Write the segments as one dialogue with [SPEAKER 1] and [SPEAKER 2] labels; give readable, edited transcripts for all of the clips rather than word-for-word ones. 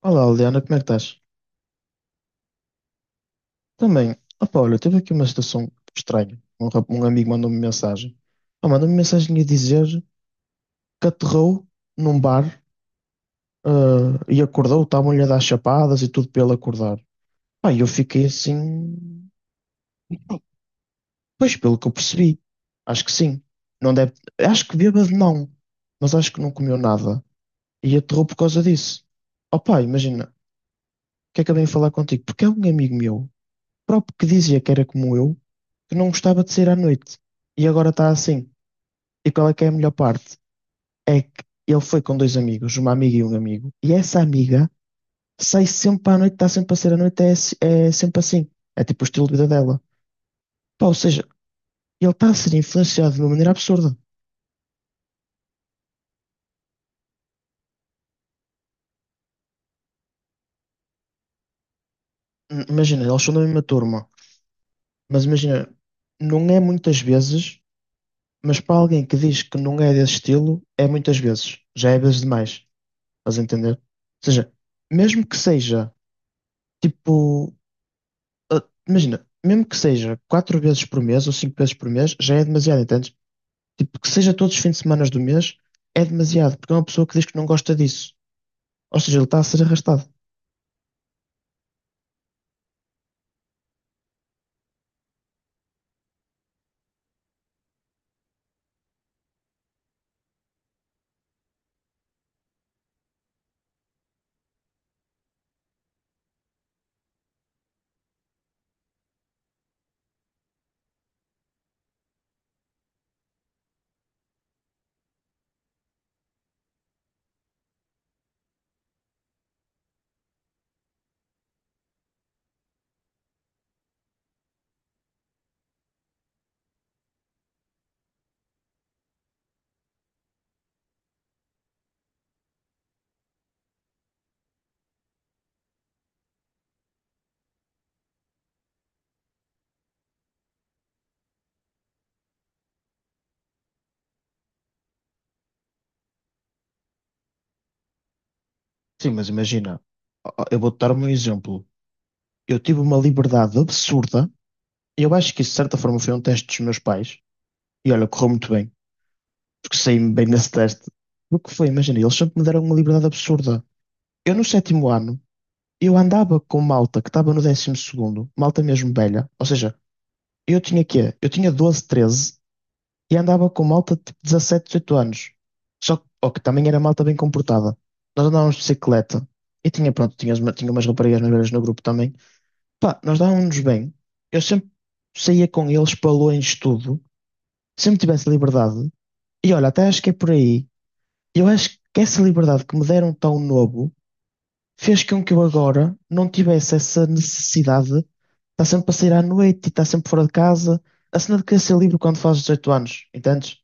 [SPEAKER 1] Olá, Liliana, como é que estás? Também, opa, olha, teve aqui uma situação estranha. Um amigo mandou-me mensagem. Mandou-me mensagem a dizer que aterrou num bar, ah, e acordou, estavam-lhe a dar chapadas e tudo para ele acordar. Pá, e eu fiquei assim, pois pelo que eu percebi, acho que sim. Não deve, acho que bêbado não, mas acho que não comeu nada. E aterrou por causa disso. Opa, imagina, o que é que eu venho falar contigo? Porque é um amigo meu próprio que dizia que era como eu, que não gostava de sair à noite. E agora está assim. E qual é que é a melhor parte? É que ele foi com dois amigos, uma amiga e um amigo, e essa amiga sai sempre à noite, está sempre a sair à noite, é sempre assim. É tipo o estilo de vida dela. Pá, ou seja, ele está a ser influenciado de uma maneira absurda. Imagina, eles são da mesma turma, mas imagina, não é muitas vezes, mas para alguém que diz que não é desse estilo, é muitas vezes. Já é vezes demais. Estás a entender? Ou seja, mesmo que seja. Tipo, ah, imagina, mesmo que seja 4 vezes por mês ou 5 vezes por mês, já é demasiado, entendes? Tipo, que seja todos os fins de semana do mês, é demasiado, porque é uma pessoa que diz que não gosta disso. Ou seja, ele está a ser arrastado. Sim, mas imagina, ó, eu vou-te dar um exemplo. Eu tive uma liberdade absurda, e eu acho que isso, de certa forma, foi um teste dos meus pais. E olha, correu muito bem, porque saí-me bem nesse teste. O que foi, imagina, eles sempre me deram uma liberdade absurda. Eu, no sétimo ano, eu andava com malta que estava no 12.º, malta mesmo velha, ou seja, eu tinha quê? Eu tinha 12, 13 e andava com malta de tipo 17, 18 anos. Só que, ó, que também era malta bem comportada. Nós andávamos de bicicleta e tinha, pronto, tinha umas raparigas mais velhas no grupo também. Pá, nós dávamos-nos bem. Eu sempre saía com eles para longe de tudo, sempre tivesse liberdade. E olha, até acho que é por aí. Eu acho que essa liberdade que me deram tão novo fez com que eu agora não tivesse essa necessidade de estar sempre a sair à noite e estar sempre fora de casa. A cena de querer ser livre quando fazes 18 anos, entendes?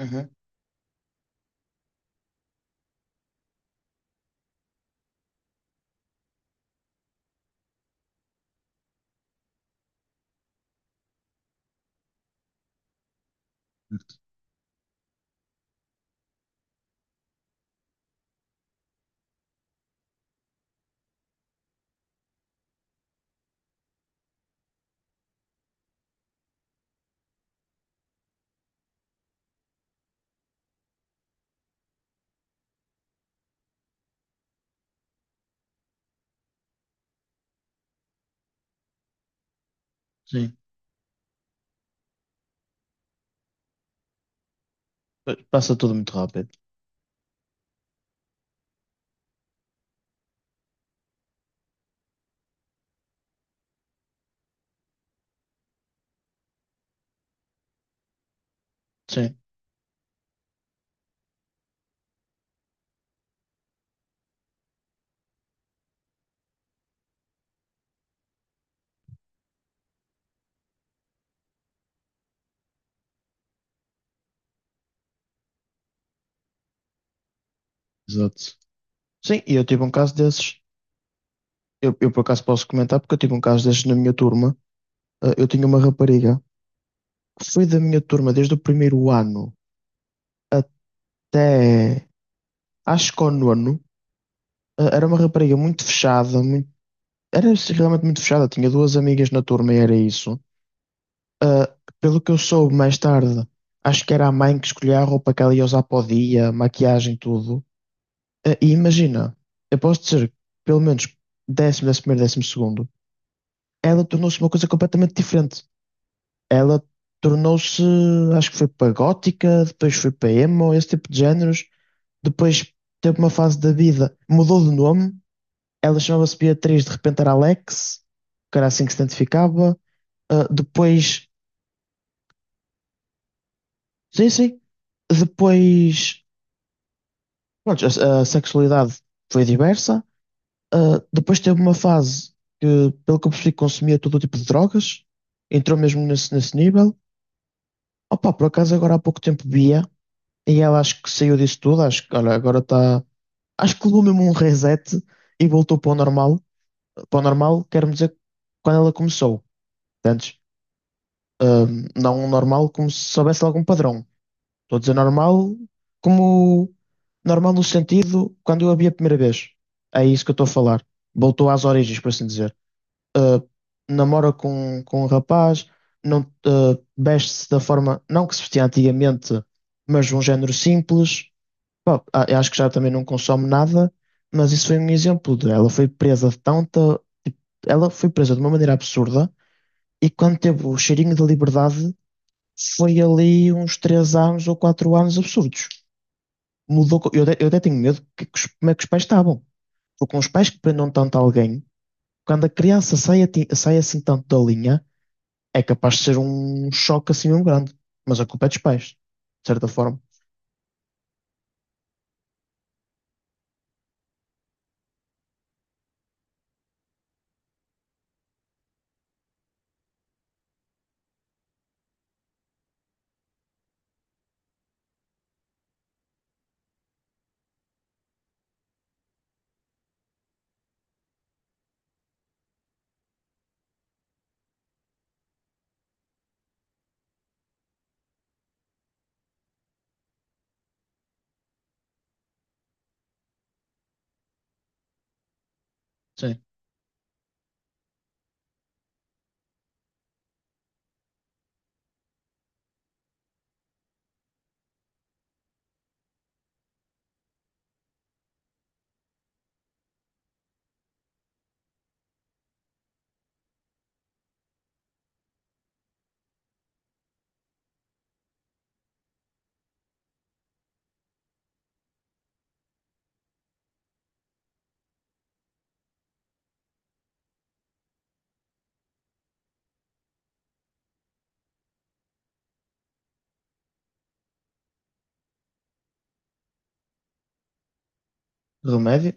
[SPEAKER 1] Uhum. Sim. Passa tudo muito rápido. Sim. Exato. Sim, e eu tive um caso desses. Eu por acaso posso comentar porque eu tive um caso desses na minha turma. Eu tinha uma rapariga que foi da minha turma desde o primeiro ano até acho que ao nono. Era uma rapariga muito fechada, muito, era realmente muito fechada. Tinha duas amigas na turma e era isso. Ah, Pelo que eu soube mais tarde, acho que era a mãe que escolhia a roupa que ela ia usar para o dia, maquiagem, tudo. E imagina, eu posso dizer, que pelo menos 10.º, 11.º, 12.º, ela tornou-se uma coisa completamente diferente. Ela tornou-se, acho que foi para gótica, depois foi para emo, esse tipo de géneros. Depois teve uma fase da vida, mudou de nome, ela chamava-se Beatriz, de repente era Alex, que era assim que se identificava. Depois, sim, sim. Depois, pronto, a sexualidade foi diversa. Depois teve uma fase que, pelo que eu percebi, consumia todo o tipo de drogas. Entrou mesmo nesse nível. Opa, por acaso agora há pouco tempo via e ela acho que saiu disso tudo. Acho que olha, agora está. Acho que levou mesmo um reset e voltou para o normal. Para o normal, quero dizer, quando ela começou. Antes, não um normal como se soubesse algum padrão. Estou a dizer normal, como normal no sentido quando eu a vi a primeira vez. É isso que eu estou a falar. Voltou às origens, por assim dizer. Ah, Namora com um rapaz, não, veste-se da forma, não que se vestia antigamente, mas de um género simples. Bom, eu acho que já também não consome nada, mas isso foi um exemplo de ela foi presa de tanta. Tipo, ela foi presa de uma maneira absurda e quando teve o cheirinho da liberdade foi ali uns 3 anos ou 4 anos absurdos mudou. Eu até tenho medo que, como é que os pais estavam. Ou com os pais que prendam tanto alguém, quando a criança sai, sai assim tanto da linha, é capaz de ser um choque assim mesmo grande. Mas a culpa é dos pais, de certa forma. Sim. Remédio?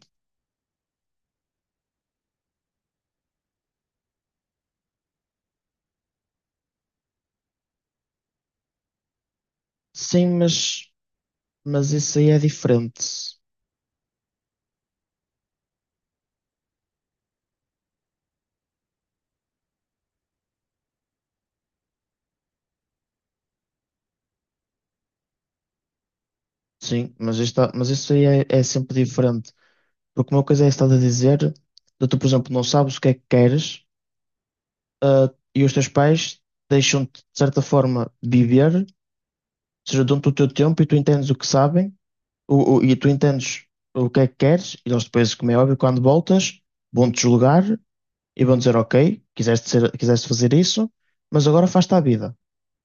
[SPEAKER 1] Sim, mas isso aí é diferente. Sim, mas, isto, mas isso aí é, é sempre diferente. Porque uma coisa é estás a dizer, de tu, por exemplo, não sabes o que é que queres, e os teus pais deixam-te, de certa forma, viver seja, dão-te o teu tempo e tu entendes o que sabem e tu entendes o que é que queres e eles depois, como é óbvio, quando voltas, vão-te julgar e vão dizer, ok, quiseste ser, quiseste fazer isso, mas agora faz-te a vida.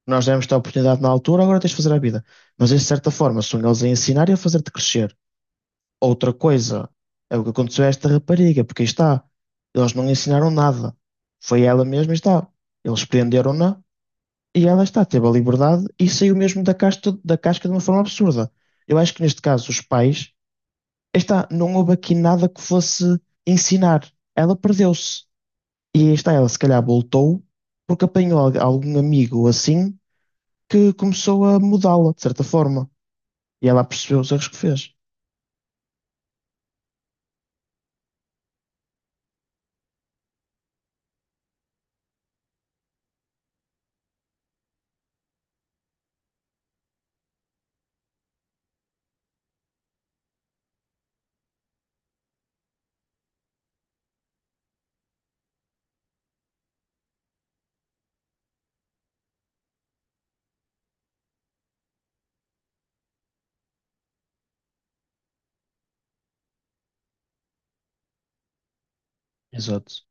[SPEAKER 1] Nós demos-te a oportunidade na altura, agora tens de fazer a vida. Mas, de certa forma, são eles a ensinar e a fazer-te crescer. Outra coisa é o que aconteceu a esta rapariga, porque aí está, eles não ensinaram nada. Foi ela mesma e está. Eles prenderam-na e ela está, teve a liberdade e saiu mesmo da casca de uma forma absurda. Eu acho que neste caso os pais, está, não houve aqui nada que fosse ensinar. Ela perdeu-se. E aí está, ela se calhar voltou porque apanhou algum amigo ou assim que começou a mudá-la, de certa forma. E ela percebeu os erros que fez. Exato.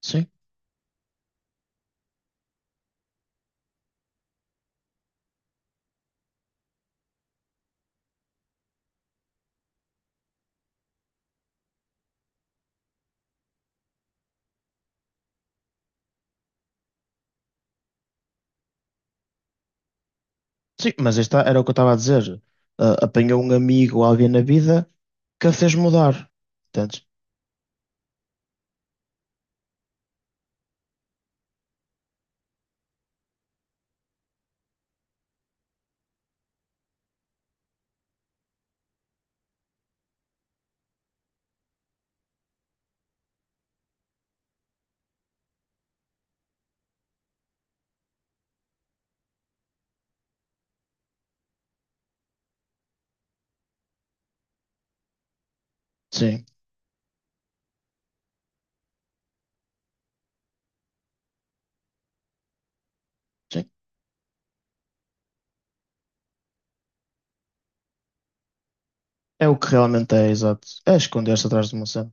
[SPEAKER 1] Sim. Sim, mas aí está, era o que eu estava a dizer. Apanhou um amigo ou alguém na vida que a fez mudar. Portanto, sim. Sim. É o que realmente é, exato. É esconder-se atrás de uma cena.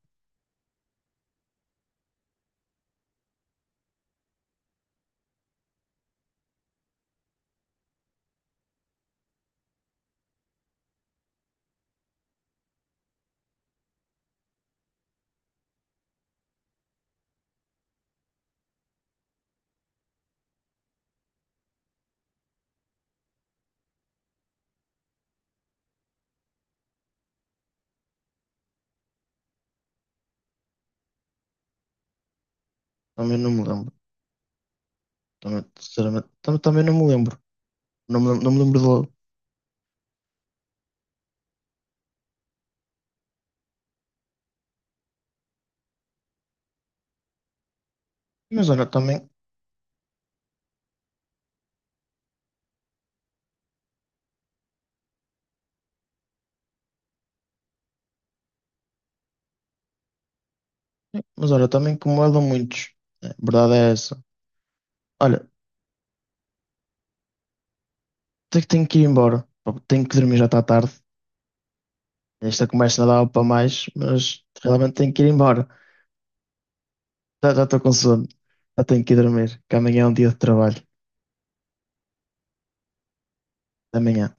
[SPEAKER 1] Também não me lembro. Também, sinceramente, também não me lembro. Não me lembro de logo. Mas olha, também, como ela muitos. Né? A verdade é essa. Olha, tenho que ir embora. Pá, tenho que dormir, já está tarde. Esta conversa não dava para mais, mas realmente tenho que ir embora. Já já estou com sono. Já tenho que ir dormir, que amanhã é um dia de trabalho. Até amanhã.